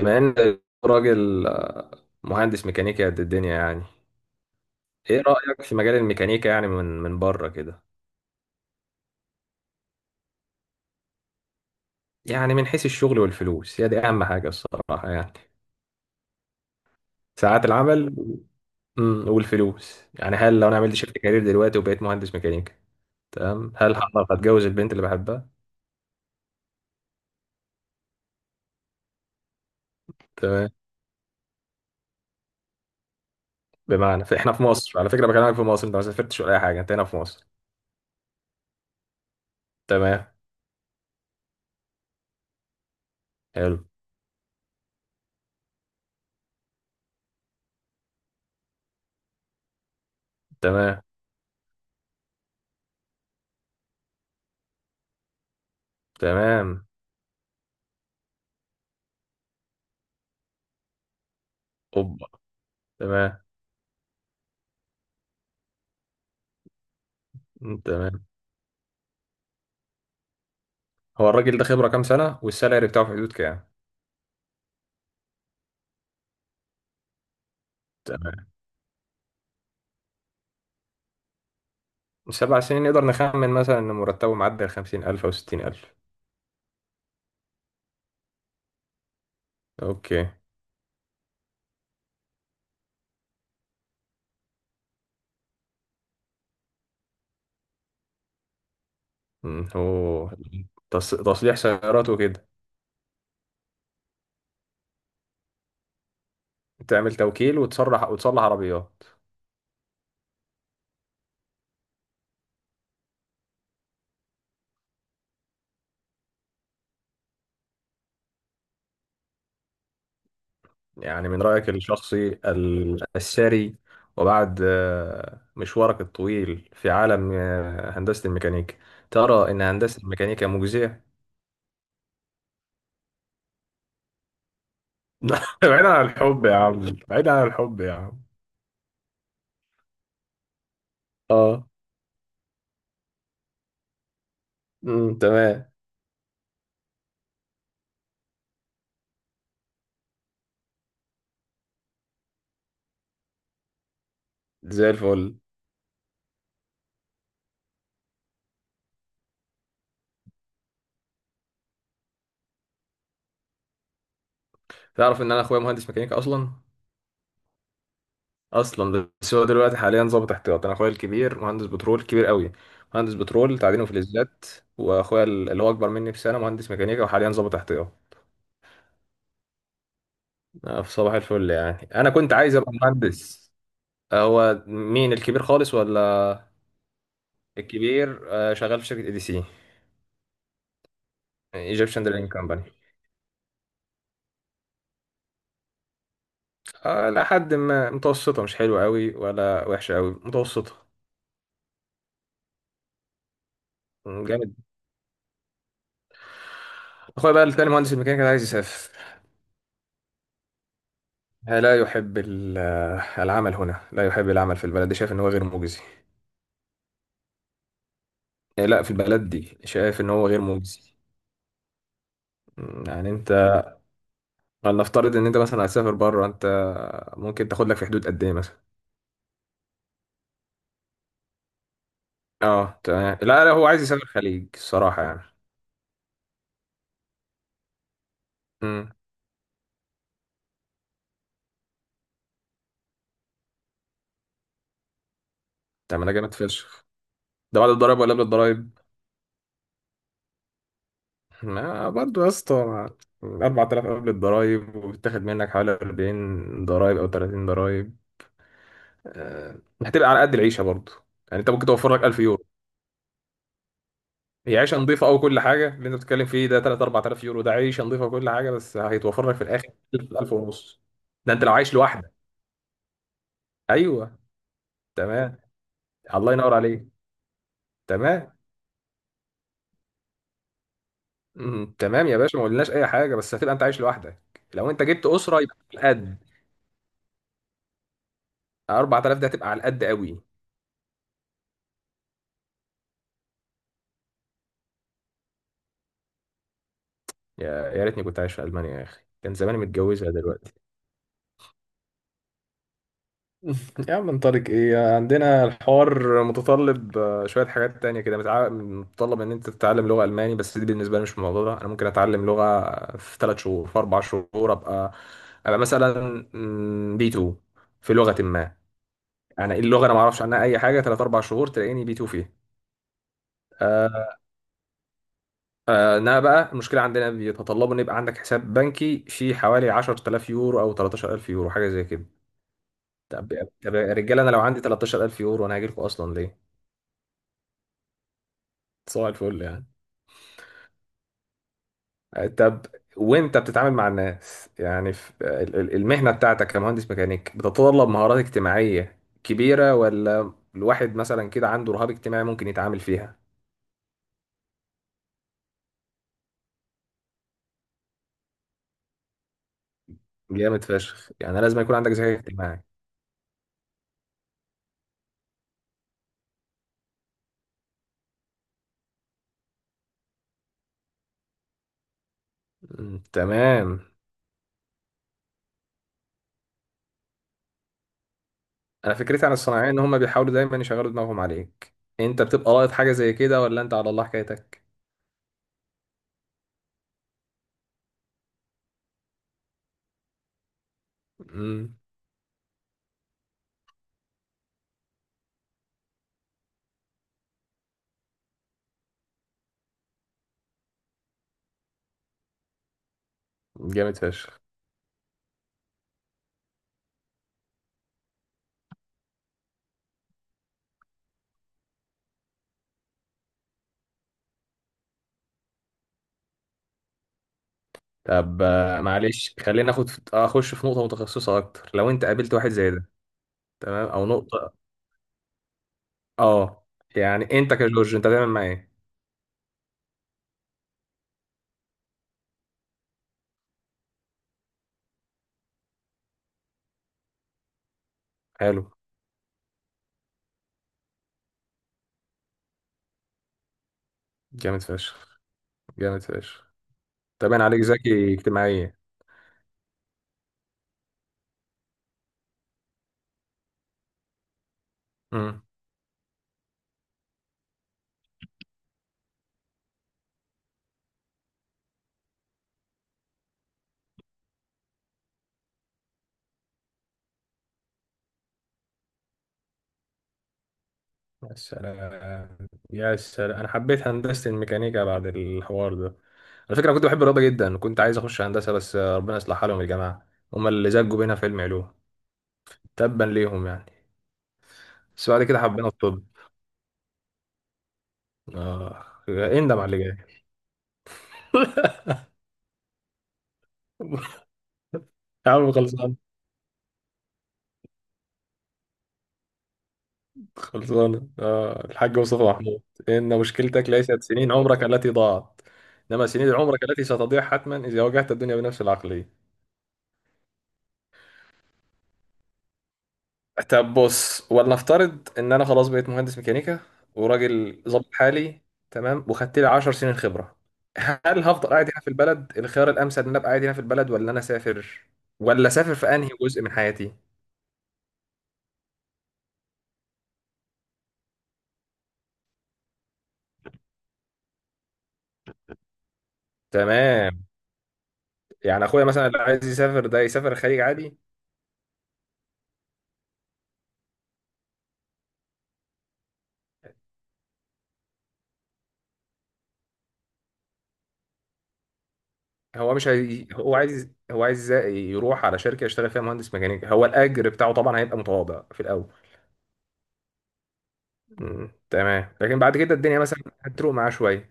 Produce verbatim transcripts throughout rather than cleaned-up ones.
بما ان راجل آه، مهندس ميكانيكا قد الدنيا يعني ايه رأيك في مجال الميكانيكا يعني من من بره كده يعني من حيث الشغل والفلوس، هي دي اهم حاجة الصراحة يعني ساعات العمل، مم، والفلوس يعني هل لو انا عملت شيفت كارير دلوقتي وبقيت مهندس ميكانيكا؟ تمام، هل هعرف اتجوز البنت اللي بحبها؟ تمام، بمعنى فاحنا في مصر، على فكرة بكلمك في مصر، انت ما سافرتش ولا اي حاجة، انت هنا في مصر. تمام، حلو، تمام، تمام، اوبا، تمام، مم، تمام. هو الراجل ده خبرة كام سنة والسالري بتاعه في حدود كام؟ تمام، سبع سنين نقدر نخمن مثلا إن مرتبه معدي الخمسين ألف أو ستين ألف. أوكي. أمم، هو تص... تصليح سيارات وكده، تعمل توكيل وتصلح وتصلح عربيات. يعني من رأيك الشخصي ال- الساري وبعد آه، مشوارك الطويل في عالم آه، هندسة الميكانيكا، ترى إن هندسة الميكانيكا مجزية؟ بعيدا عن الحب يا عم، بعيدا عن الحب يا عم. اه، أمم، تمام. زي الفل. تعرف ان انا اخويا مهندس ميكانيكا اصلا؟ اصلا، بس هو دلوقتي حاليا ظابط احتياط، انا اخويا الكبير مهندس بترول كبير قوي، مهندس بترول تعدين وفلزات. واخويا ال- اللي هو اكبر مني بسنه مهندس ميكانيكا وحاليا ظابط احتياط. آه، في صباح الفل يعني انا كنت عايز ابقى مهندس. آه، هو مين الكبير خالص ولا؟ الكبير آه، شغال في شركه اي دي سي، ايجيبشن درينج كمباني. آه، لحد ما متوسطه، مش حلوه قوي ولا وحشه قوي، متوسطه. مم، جامد. اخويا بقى التاني مهندس الميكانيكا ده عايز يسافر، لا يحب ال- العمل هنا، لا يحب العمل في البلد دي، شايف ان هو غير مجزي. إيه، لا في البلد دي شايف ان هو غير مجزي. م، يعني انت، نفترض ان انت مثلا هتسافر بره، انت ممكن تاخد لك في حدود قد ايه مثلا؟ اه تمام، لا لا، هو عايز يسافر الخليج الصراحه يعني. امم طب ما ده جامد فشخ، ده بعد الضرايب ولا قبل الضرايب؟ ما برضه يا اسطى، اربعة آلاف قبل الضرايب وبتاخد منك حوالي اربعين ضرايب او تلاتين ضرايب، آه، هتبقى على قد العيشه برضه. يعني انت ممكن توفر لك الف يورو، هي عيشه نظيفه او كل حاجه، اللي انت بتتكلم فيه ده تلاتة اربع تلاف يورو، ده عيشه نظيفه وكل حاجه، بس هيتوفر لك في الاخر الف ونص، ده انت لو عايش لوحدك. ايوه، تمام، الله ينور عليك، تمام، مم، تمام يا باشا، ما قلناش اي حاجه، بس هتبقى انت عايش لوحدك، لو انت جبت اسره يبقى على القد. اربعة آلاف ده هتبقى على القد قوي. يا يا ريتني كنت عايش في المانيا يا اخي، كان زماني متجوزها دلوقتي. يا عم من طارق، ايه، عندنا الحوار متطلب آه، شوية حاجات تانية كده، متع- متطلب ان انت تتعلم لغة الماني، بس دي بالنسبة لي مش الموضوع، ده انا ممكن اتعلم لغة في ثلاث شهور، في اربع شهور ابقى ابقى مثلا بي اتنين في لغة ما. يعني إيه، اللغة انا ما اعرفش عنها اي حاجة، ثلاث اربع شهور تلاقيني بي اتنين فيها. آه، آه، انما بقى المشكلة، عندنا بيتطلبوا ان يبقى عندك حساب بنكي فيه حوالي عشرة آلاف يورو او تلتاشر الف يورو حاجة زي كده. طب طب يا رجاله، انا لو عندي تلتاشر الف يورو انا هاجي لكم اصلا ليه؟ صباح الفل يعني. طب، وانت بتتعامل مع الناس يعني في ال- ال- المهنة بتاعتك كمهندس ميكانيك، بتتطلب مهارات اجتماعية كبيرة ولا الواحد مثلا كده عنده رهاب اجتماعي ممكن يتعامل فيها؟ جامد فشخ، يعني لازم يكون عندك ذكاء اجتماعي. مم، تمام. انا فكرتي عن الصناعية ان هم بيحاولوا دايما يشغلوا دماغهم عليك، انت بتبقى لاقط حاجة زي كده ولا انت على الله حكايتك؟ مم، جامد فشخ. طب آه، معلش، خلينا اخد اخش في نقطة متخصصة اكتر، لو انت قابلت واحد زي ده، تمام، او نقطه، اه، يعني انت كجورج انت هتعمل معاه ايه؟ حلو، جامد فشخ، جامد فشخ. تمام عليك، ذكي اجتماعيا. امم يا سلام، يا سلام، انا حبيت هندسه الميكانيكا بعد الحوار ده. على فكره أنا كنت بحب الرياضه جدا، كنت عايز اخش هندسه، بس ربنا يصلح حالهم يا جماعه، هم اللي زجوا بينا في علم علوم، تبا ليهم يعني. بس بعد كده حبينا الطب. اه، اندم على اللي جاي. يا عم خلصان، خلصانة. آه الحاج مصطفى محمود: إن مشكلتك ليست سنين عمرك التي ضاعت، إنما سنين عمرك التي ستضيع حتما إذا واجهت الدنيا بنفس العقلية. طب بص، ولنفترض إن أنا خلاص بقيت مهندس ميكانيكا وراجل ظابط حالي، تمام، وخدت لي عشر سنين خبرة، هل هفضل قاعد هنا في البلد؟ الخيار الأمثل إن أنا أبقى قاعد هنا في البلد ولا أنا أسافر؟ ولا أسافر في أنهي جزء من حياتي؟ تمام، يعني أخويا مثلا اللي عايز يسافر ده يسافر الخليج عادي. هو مش عايز، هو عايز هو عايز يروح على شركه يشتغل فيها مهندس ميكانيكي، هو الاجر بتاعه طبعا هيبقى متواضع في الاول. مم، تمام. لكن بعد كده الدنيا مثلا هتروق معاه شويه.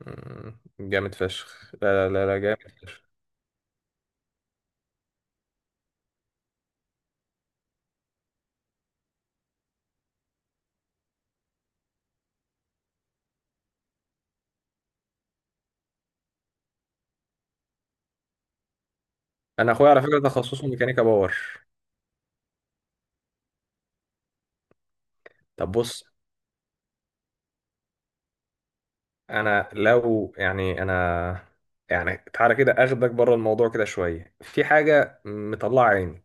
مم. جامد فشخ، لا لا لا لا، جامد فشخ. انا اخويا على فكره تخصصه ميكانيكا باور. طب بص، انا لو يعني انا يعني، تعالى كده اخدك بره الموضوع كده شويه، في حاجه مطلعه عيني،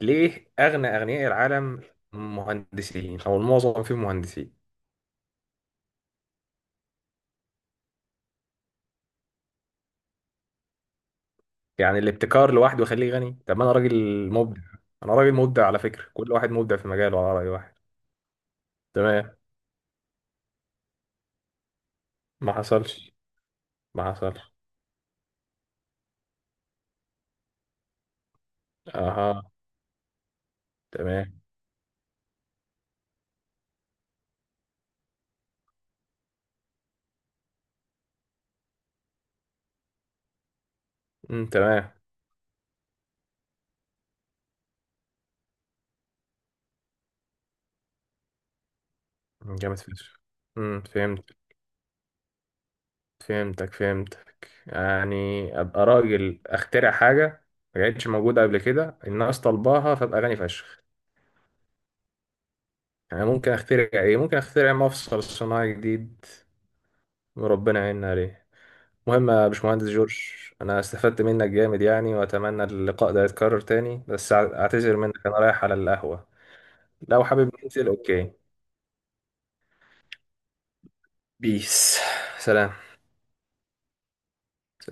ليه اغنى اغنياء العالم مهندسين او المعظم فيهم مهندسين؟ يعني الابتكار لوحده يخليه غني؟ طب ما انا راجل مبدع، انا راجل مبدع على فكرة، كل واحد مبدع في مجاله على رأي واحد. تمام. ما حصلش. ما حصلش. اها، تمام، امم، تمام، مم، جامد فشخ. امم فهمت، فهمتك، فهمتك يعني ابقى راجل اخترع حاجة ما كانتش موجودة قبل كده الناس طلباها، فابقى غني فشخ. يعني ممكن اخترع ايه؟ ممكن اخترع مفصل صناعي جديد وربنا يعيننا عليه. مهم يا باشمهندس جورج، انا استفدت منك جامد يعني، واتمنى اللقاء ده يتكرر تاني، بس أع- اعتذر منك، انا رايح على القهوة، لو حابب ننزل اوكي. بيس. سلام.